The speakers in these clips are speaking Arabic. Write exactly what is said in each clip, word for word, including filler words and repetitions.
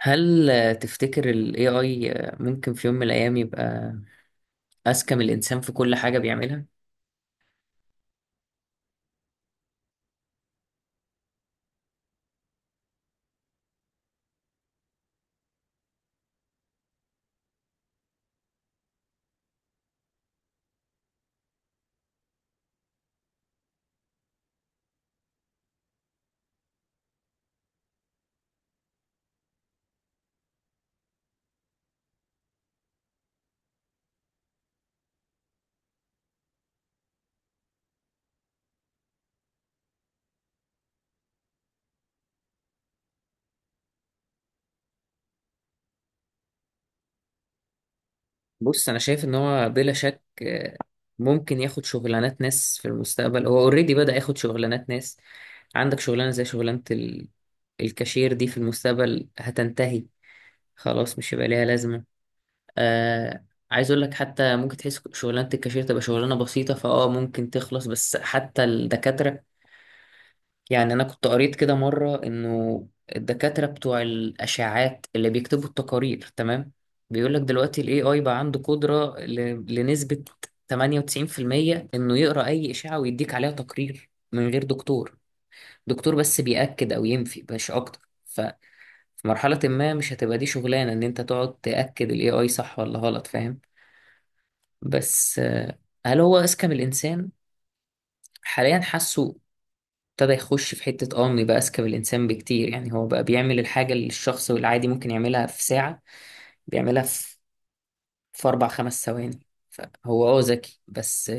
هل آه، تفتكر ال إيه آي آه، ممكن في يوم من الأيام يبقى أذكى من الإنسان في كل حاجة بيعملها؟ بص أنا شايف إن هو بلا شك، آه، ممكن ياخد شغلانات ناس في المستقبل. هو أوريدي بدأ ياخد شغلانات ناس. عندك شغلانة زي شغلانة ال... الكاشير دي في المستقبل هتنتهي، خلاص مش هيبقى ليها لازمة. آه عايز أقول لك حتى ممكن تحس شغلانة الكاشير تبقى شغلانة بسيطة فأه ممكن تخلص، بس حتى الدكاترة، يعني أنا كنت قريت كده مرة إنه الدكاترة بتوع الأشعاعات اللي بيكتبوا التقارير، تمام؟ بيقول لك دلوقتي ال إيه آي بقى عنده قدرة ل- لنسبة ثمانية وتسعين في المية إنه يقرأ أي إشعة ويديك عليها تقرير من غير دكتور. دكتور بس بيأكد أو ينفي، مش أكتر. ففي مرحلة ما مش هتبقى دي شغلانة، إن أنت تقعد تأكد ال إيه آي صح ولا غلط، فاهم؟ بس آه، هل هو أذكى من الإنسان؟ حاليا حاسه ابتدى يخش في حتة، اه انه يبقى اذكى من الانسان بكتير. يعني هو بقى بيعمل الحاجة اللي الشخص العادي ممكن يعملها في ساعة، بيعملها في في اربع خمس ثواني. فهو اه ذكي، بس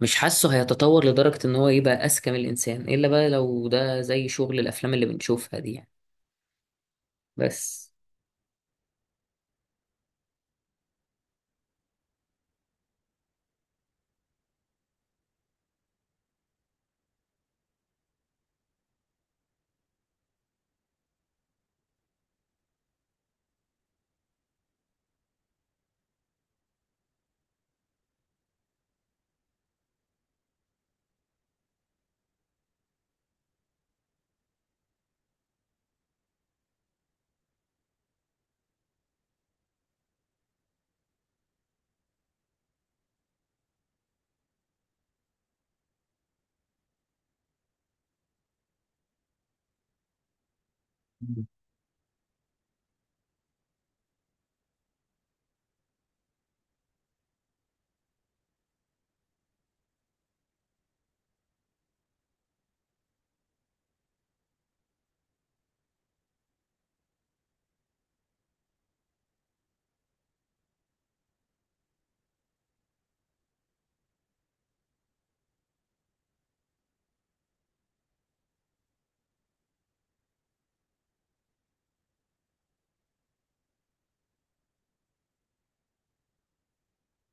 مش حاسه هيتطور لدرجة ان هو يبقى اذكى من الانسان، الا بقى لو ده زي شغل الافلام اللي بنشوفها دي يعني. بس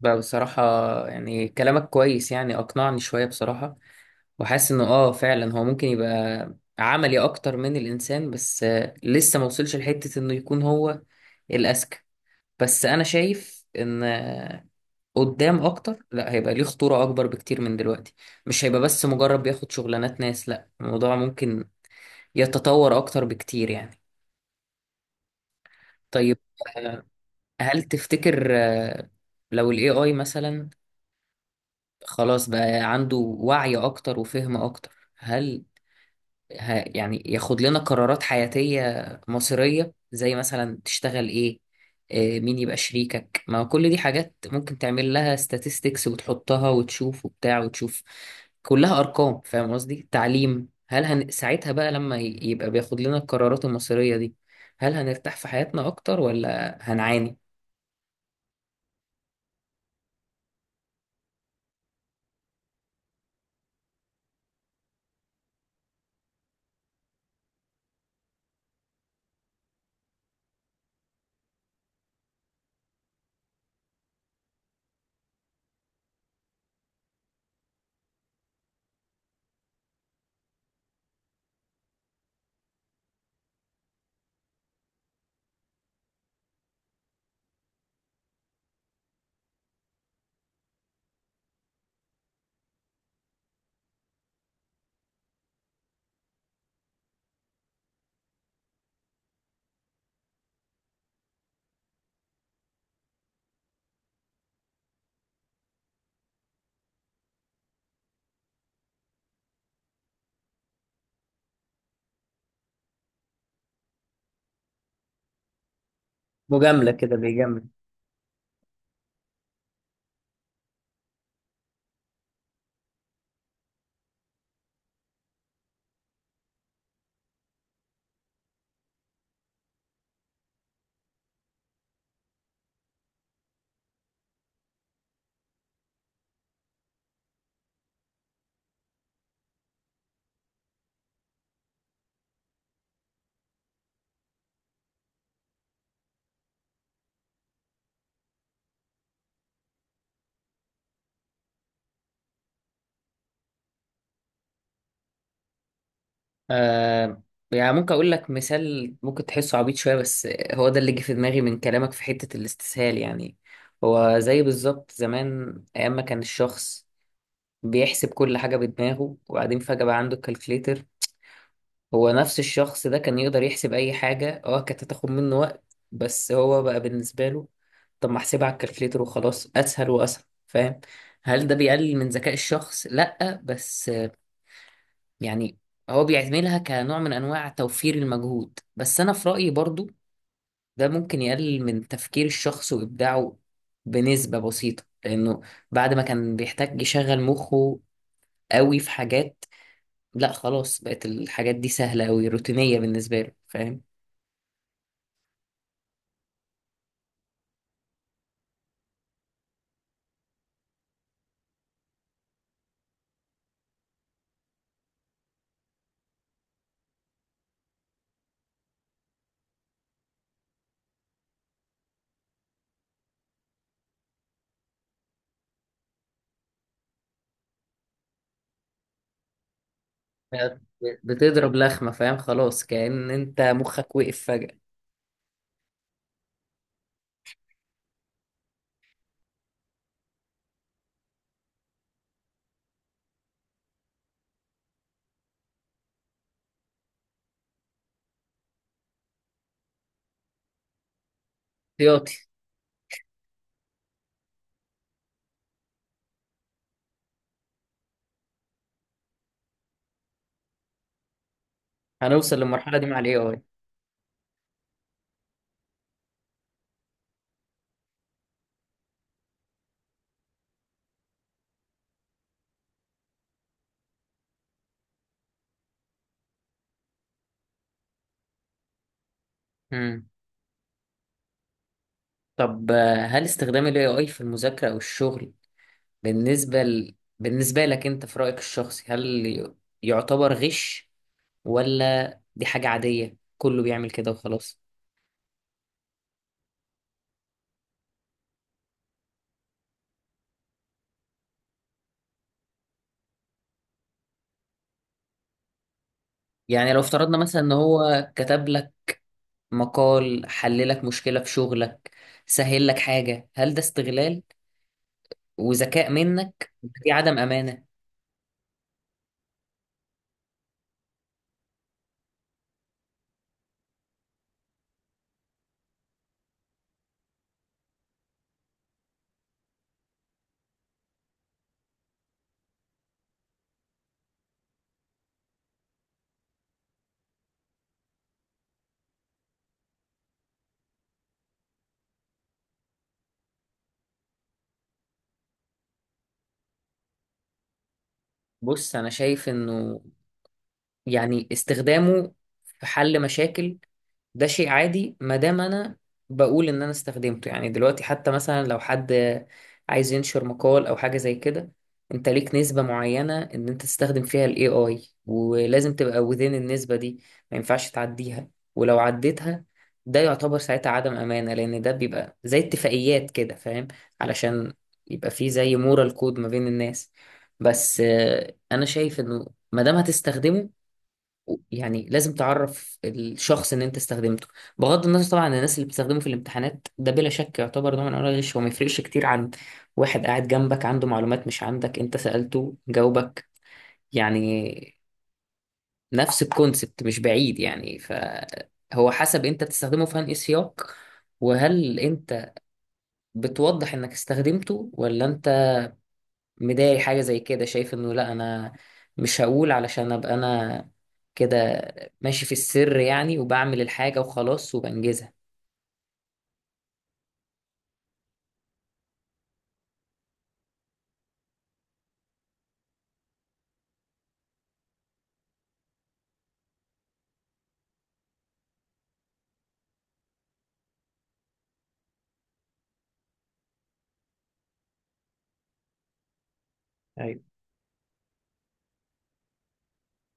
بقى بصراحة، يعني كلامك كويس، يعني أقنعني شوية بصراحة. وحاسس إنه آه فعلا هو ممكن يبقى عملي أكتر من الإنسان، بس آه، لسه موصلش لحتة إنه يكون هو الأذكى. بس انا شايف ان قدام اكتر لا، هيبقى ليه خطورة اكبر بكتير من دلوقتي. مش هيبقى بس مجرد بياخد شغلانات ناس، لا الموضوع ممكن يتطور اكتر بكتير يعني. طيب، آه، هل تفتكر آه، لو الاي اي مثلا خلاص بقى عنده وعي اكتر وفهم اكتر، هل ه- يعني ياخد لنا قرارات حياتية مصيرية، زي مثلا تشتغل ايه، آه، مين يبقى شريكك؟ ما هو كل دي حاجات ممكن تعمل لها statistics وتحطها وتشوف وبتاع وتشوف، كلها أرقام، فاهم قصدي؟ تعليم، هل هن... ساعتها بقى لما ي- يبقى بياخد لنا القرارات المصيرية دي، هل هنرتاح في حياتنا أكتر ولا هنعاني؟ مجاملة كده، بيجامل. آه يعني ممكن اقول لك مثال ممكن تحسه عبيط شويه، بس هو ده اللي جه في دماغي من كلامك في حته الاستسهال. يعني هو زي بالظبط زمان، ايام ما كان الشخص بيحسب كل حاجه بدماغه، وبعدين فجاه بقى عنده الكالكليتر. هو نفس الشخص ده كان يقدر يحسب اي حاجه، اه كانت هتاخد منه وقت، بس هو بقى بالنسبه له، طب ما احسبها على الكالكليتر وخلاص، اسهل واسهل، فاهم؟ هل ده بيقلل من ذكاء الشخص؟ لا، بس يعني هو بيعملها كنوع من انواع توفير المجهود. بس انا في رأيي برضو ده ممكن يقلل من تفكير الشخص وابداعه بنسبة بسيطة، لانه بعد ما كان بيحتاج يشغل مخه قوي في حاجات، لا خلاص بقت الحاجات دي سهلة قوي، روتينية بالنسبة له، فاهم؟ بقت بتضرب لخمة، فاهم، خلاص كأن انت مخك وقف فجأة. احتياطي. هنوصل للمرحلة دي مع الاي اي. مم. طب، آه، هل استخدام الاي اي في المذاكرة او الشغل، بالنسبة ل... بالنسبة لك أنت في رأيك الشخصي، هل ي- يعتبر غش، ولا دي حاجة عادية كله بيعمل كده وخلاص؟ يعني لو افترضنا مثلا إن هو كتب لك مقال، حل لك مشكلة في شغلك، سهل لك حاجة، هل ده استغلال وذكاء منك، دي عدم أمانة؟ بص أنا شايف إنه يعني استخدامه في حل مشاكل ده شيء عادي، ما دام انا بقول ان انا استخدمته. يعني دلوقتي حتى مثلا لو حد عايز ينشر مقال او حاجه زي كده، انت ليك نسبه معينه ان انت تستخدم فيها الاي اي، ولازم تبقى within النسبه دي، ما ينفعش تعديها. ولو عديتها ده يعتبر ساعتها عدم امانه، لان ده بيبقى زي اتفاقيات كده، فاهم، علشان يبقى فيه زي مورال كود ما بين الناس. بس آه، انا شايف انه ما دام هتستخدمه، يعني لازم تعرف الشخص ان انت استخدمته. بغض النظر طبعا عن الناس اللي بتستخدمه في الامتحانات، ده بلا شك يعتبر نوع من انواع الغش، هو ما يفرقش كتير عن واحد قاعد جنبك عنده معلومات مش عندك، انت سألته جاوبك، يعني نفس الكونسبت، مش بعيد يعني. فهو حسب انت تستخدمه في انهي سياق، وهل انت بتوضح انك استخدمته، ولا انت مضايق حاجة زي كده، شايف انه لا انا مش هقول علشان ابقى انا كده ماشي في السر، يعني وبعمل الحاجة وخلاص وبنجزها.